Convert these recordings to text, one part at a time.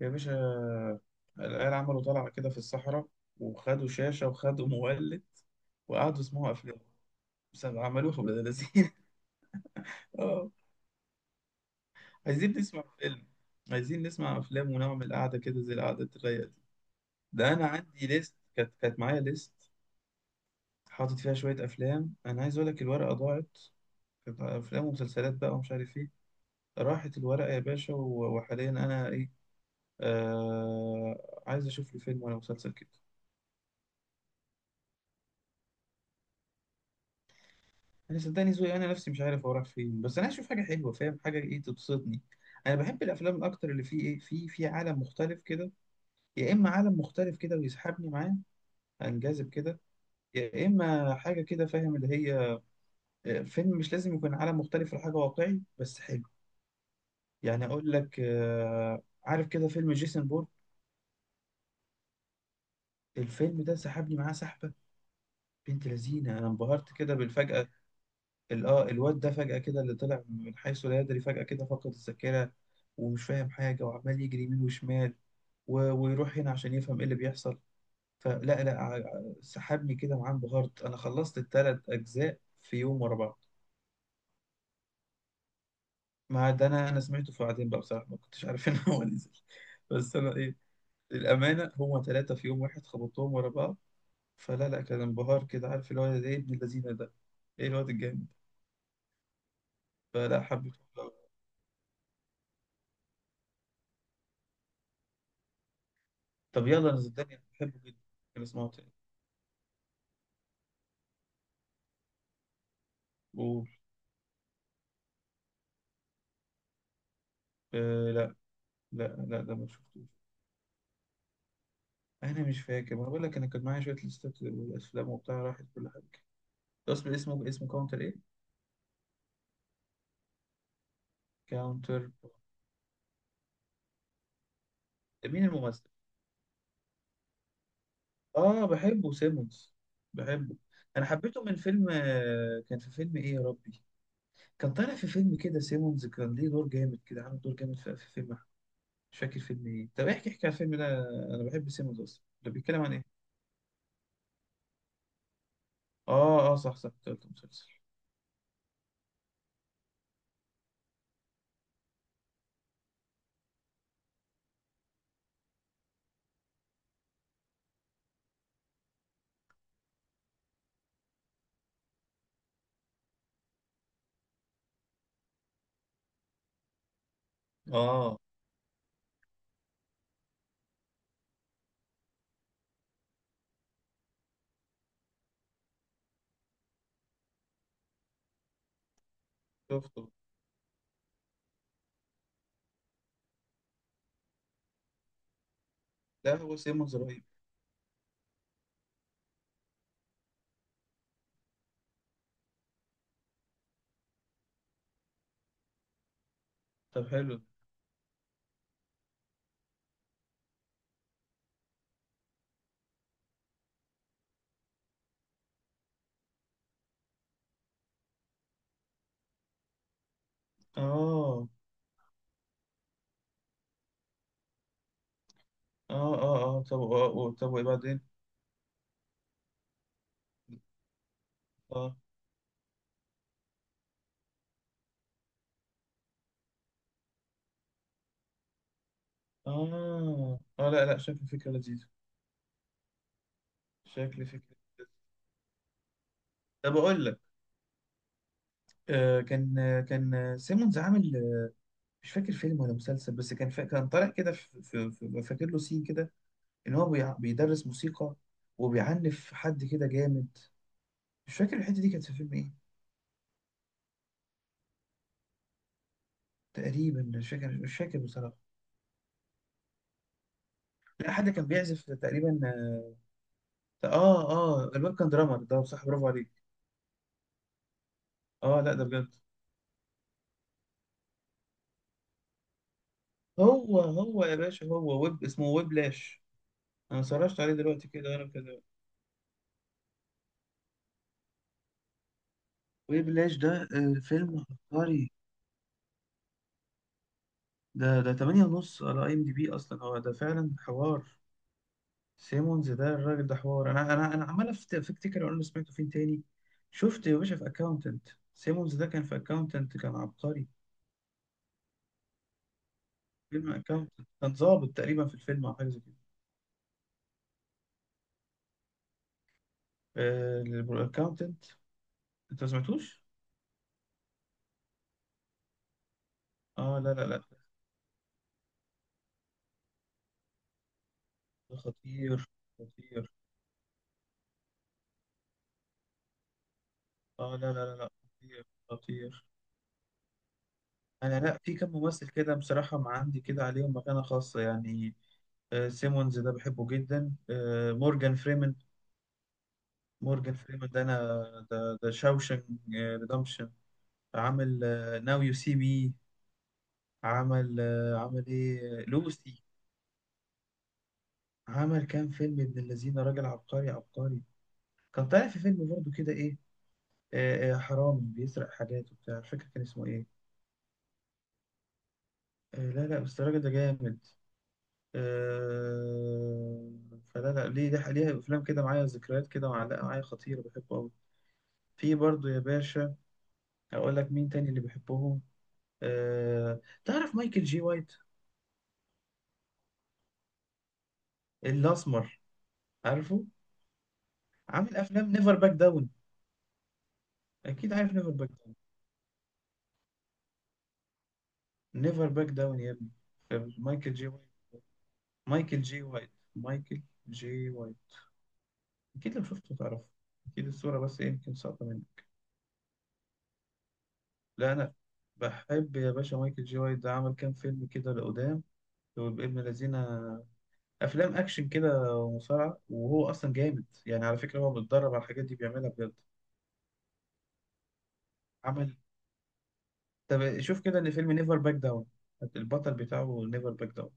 يا باشا، العيال عملوا طلعة كده في الصحراء، وخدوا شاشة وخدوا مولد، وقعدوا يسمعوا أفلام، بس عملوها ولاد لذين. اه، عايزين نسمع فيلم، عايزين نسمع أفلام ونعمل قعدة كده زي القعدة الرايقة دي. ده أنا عندي ليست، كانت معايا ليست حاطط فيها شوية أفلام. أنا عايز أقول لك الورقة ضاعت، كانت أفلام ومسلسلات بقى ومش عارف إيه. راحت الورقة يا باشا، و- وحاليا أنا إيه، عايز أشوف لي فيلم ولا مسلسل كده. انا صدقني ذوقي، انا نفسي مش عارف هو رايح فين، بس انا هشوف حاجه حلوه، فاهم؟ حاجه ايه؟ تبسطني. انا بحب الافلام اكتر اللي فيه ايه، في عالم مختلف كده. يا اما عالم مختلف كده ويسحبني معاه، انجذب كده. يا اما حاجه كده فاهم اللي هي. فيلم مش لازم يكون عالم مختلف ولا حاجه، واقعي بس حلو. يعني اقول لك، عارف كده فيلم جيسون بورن؟ الفيلم ده سحبني معاه سحبه، بنت لذينه. انا انبهرت كده بالفجأة. الواد ده فجأة كده، اللي طلع من حيث لا يدري، فجأة كده فقد الذاكرة، ومش فاهم حاجة وعمال يجري يمين وشمال، و- ويروح هنا عشان يفهم ايه اللي بيحصل. فلا لا، سحبني كده معاه. انبهرت، انا خلصت الثلاث اجزاء في يوم ورا بعض. ما ده انا سمعته في بعدين بقى بصراحة، ما كنتش عارف ان هو نزل. بس انا ايه، للأمانة هما ثلاثة في يوم واحد خبطتهم ورا بعض. فلا لا، كان انبهار كده. عارف الواد ده ايه؟ ابن اللذينة ده، ايه الواد الجامد. فلا حبيته. طب يلا، انا صدقني بحبه جدا. كان اسمعه تاني. قول. آه لا، لا لا ده ما شفتوش. انا مش فاكر. ما أنا بقول لك انا كان معايا شويه ليستات والافلام وبتاع، راحت كل حاجه. اصل اسمه كاونتر ايه؟ كاونتر. مين الممثل؟ اه، بحبه سيمونز، بحبه. انا حبيته من فيلم، كان في فيلم ايه يا ربي. كان طالع في فيلم كده، سيمونز كان ليه دور جامد كده، عامل دور جامد في فيلم. مش فاكر فيلم ايه. طب احكي احكي على الفيلم ده، انا بحب سيمونز اصلا. ده بيتكلم عن ايه؟ اه اه، صح صح، قلت مسلسل. اه شفته. لا، هو سيمونز رهيب. طب حلو. اه اه اه اه، طب، طب وايه بعدين؟ اه اه اه، لا لا، شكل فكرة لذيذة. شكل فكرة لذيذة. طب اقول لك، كان، كان، سيمونز عامل، مش فاكر فيلم ولا مسلسل، بس كان طالع كده فاكر له سين كده، ان هو بيدرس موسيقى وبيعنف حد كده جامد. مش فاكر الحتة دي كانت في فيلم ايه. تقريبا مش فاكر بصراحة. لا، حد كان بيعزف تقريبا. اه اه، الواد كان درامر ده، صح، برافو عليك. اه لا ده بجد. هو يا باشا، هو ويب، اسمه ويبلاش. انا سرشت عليه دلوقتي كده، وانا كده، ويبلاش ده فيلم عبقري. ده 8 ونص على IMDB، اصلا هو ده فعلا حوار. سيمونز ده الراجل ده حوار. انا عمال افتكر اقول له، سمعته فين تاني؟ شفت يا باشا في اكاونتنت، سيمونز ده كان في اكاونتنت كان عبقري. فيلم اكاونتنت، كان ظابط تقريبا في الفيلم او حاجه زي كده، الاكاونتنت. انت ما سمعتوش؟ اه لا لا لا، خطير خطير. اه لا لا لا لا، خطير خطير. انا، لا، في كم ممثل كده بصراحه ما عندي كده عليهم مكانه خاصه يعني. سيمونز ده بحبه جدا. مورجان فريمن. مورجان فريمن ده انا، ده شاوشنج ريدمشن. عمل ناو يو سي مي. عمل ايه، لوسي. عمل كام فيلم، ابن الذين، راجل عبقري عبقري. كان طالع في فيلم برضه كده ايه. حرامي بيسرق حاجات وبتاع، مش فاكر كان اسمه ايه. لا لا، بس الراجل ده جامد. آه، فلا لا، ليه ده ليها افلام كده معايا، ذكريات كده معلقه معايا خطيره، بحبه قوي. في برضو يا باشا، اقول لك مين تاني اللي بحبهم؟ أه، تعرف مايكل جي وايت؟ الاسمر، عارفه؟ عامل افلام نيفر باك داون. اكيد عارف نيفر باك داون. نيفر باك داون يا ابني، مايكل جي وايت، مايكل جي وايت، مايكل جي وايت. اكيد لو شفته تعرفه، اكيد الصوره، بس إيه، يمكن ساقطه منك. لا انا، بحب يا باشا مايكل جي وايت ده، عمل كام فيلم كده لقدام. هو ابن الذين، افلام اكشن كده ومصارعه، وهو اصلا جامد يعني، على فكره هو بيتدرب على الحاجات دي، بيعملها بجد. عمل طب شوف كده، ان فيلم نيفر باك داون، البطل بتاعه نيفر باك داون،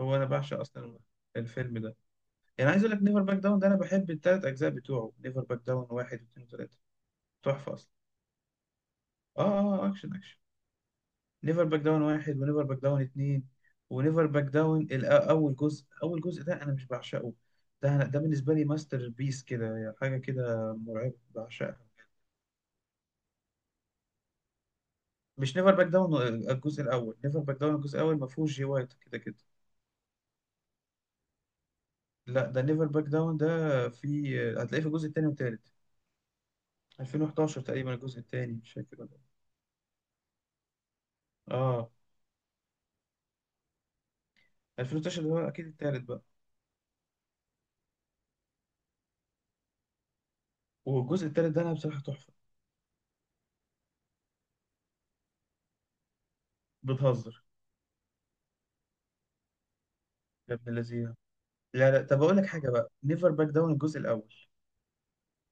هو انا بعشق اصلا الفيلم ده. يعني عايز اقول لك، نيفر باك داون ده انا بحب الثلاث اجزاء بتوعه، نيفر باك داون واحد واثنين وثلاثه. تحفه اصلا. اه اه، اكشن اكشن. نيفر باك داون واحد، ونيفر باك داون اتنين، ونيفر باك داون اول جزء، اول جزء ده انا مش بعشقه. ده أنا، ده بالنسبه لي ماستر بيس كده يعني، حاجه كده مرعبه بعشقها. مش نيفر باك داون الجزء الاول. نيفر باك داون الجزء الاول ما فيهوش جي وايت كده كده. لا ده نيفر باك داون ده، في هتلاقيه في الجزء التاني والتالت. 2011 تقريبا الجزء التاني، مش فاكر والله. اه، 2011 ده هو اكيد التالت بقى، والجزء التالت ده انا بصراحه تحفه. بتهزر؟ يا ابن اللذينه. لا لا، طب اقول لك حاجه بقى، نيفر باك داون الجزء الاول،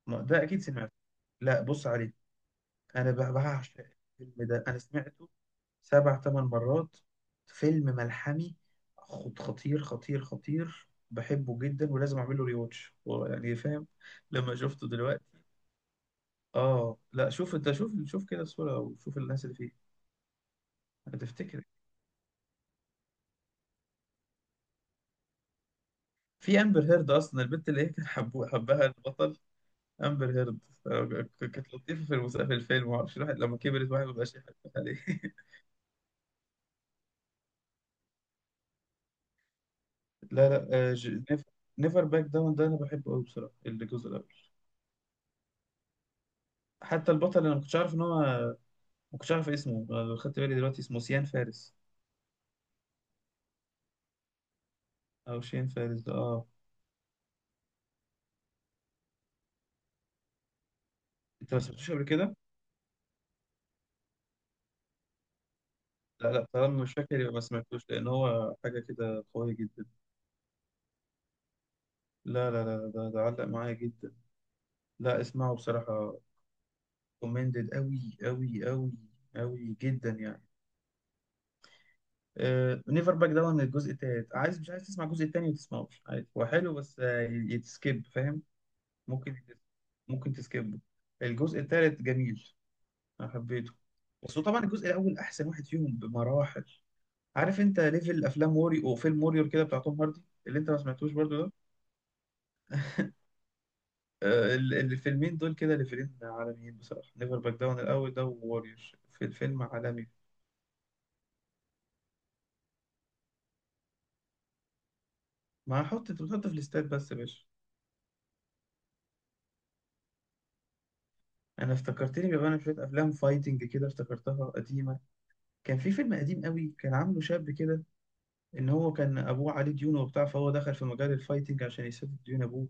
ما ده اكيد سمعته. لا بص عليه، انا بعشق الفيلم ده، انا سمعته سبع ثمان مرات. فيلم ملحمي، خطير خطير خطير، بحبه جدا، ولازم اعمل له ري واتش يعني، فاهم؟ لما شفته دلوقتي. اه لا، شوف انت، شوف شوف كده الصوره وشوف الناس اللي فيه، هتفتكر. في امبر هيرد اصلا، البنت اللي هي كان حبو حبها البطل، امبر هيرد. كانت لطيفه في في الفيلم، معرفش الواحد لما كبرت واحد مبقاش يحبها ليه. لا لا، نيفر باك داون ده انا بحبه قوي بصراحه، الجزء الاول. حتى البطل انا ما كنتش عارف ان هو، ما كنتش عارف اسمه. أنا خدت بالي دلوقتي اسمه سيان فارس، او شين فارس ده. اه، انت ما سمعتوش قبل كده؟ لا لا، طالما مش فاكر يبقى ما سمعتوش، لان هو حاجه كده قويه جدا. لا لا لا، ده علق معايا جدا. لا اسمعه بصراحه. كومندد قوي قوي قوي، قوي جدا يعني. نيفر باك داون الجزء التالت، عايز مش عايز تسمع الجزء التاني، ما تسمعوش عادي، هو حلو بس يتسكيب فاهم. ممكن ممكن تسكبه. الجزء الثالث جميل، انا حبيته. بس هو طبعا الجزء الاول احسن واحد فيهم بمراحل. عارف انت ليفل افلام ووري او فيلم ووريور كده بتاع توم هاردي، اللي انت ما سمعتوش برضو ده. الفيلمين دول كده ليفلين عالميين بصراحه، نيفر باك داون الاول ده، ووريور، في الفيلم عالمي. ما هحط، انت بتحط في الاستاد بس يا باشا. انا افتكرتني بيبقى انا شويه افلام فايتنج كده، افتكرتها قديمه. كان في فيلم قديم قوي، كان عامله شاب كده، ان هو كان ابوه عليه ديون وبتاع، فهو دخل في مجال الفايتنج عشان يسدد ديون ابوه.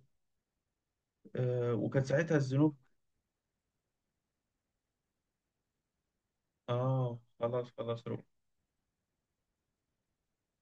وكان ساعتها الذنوب. اه، خلاص خلاص.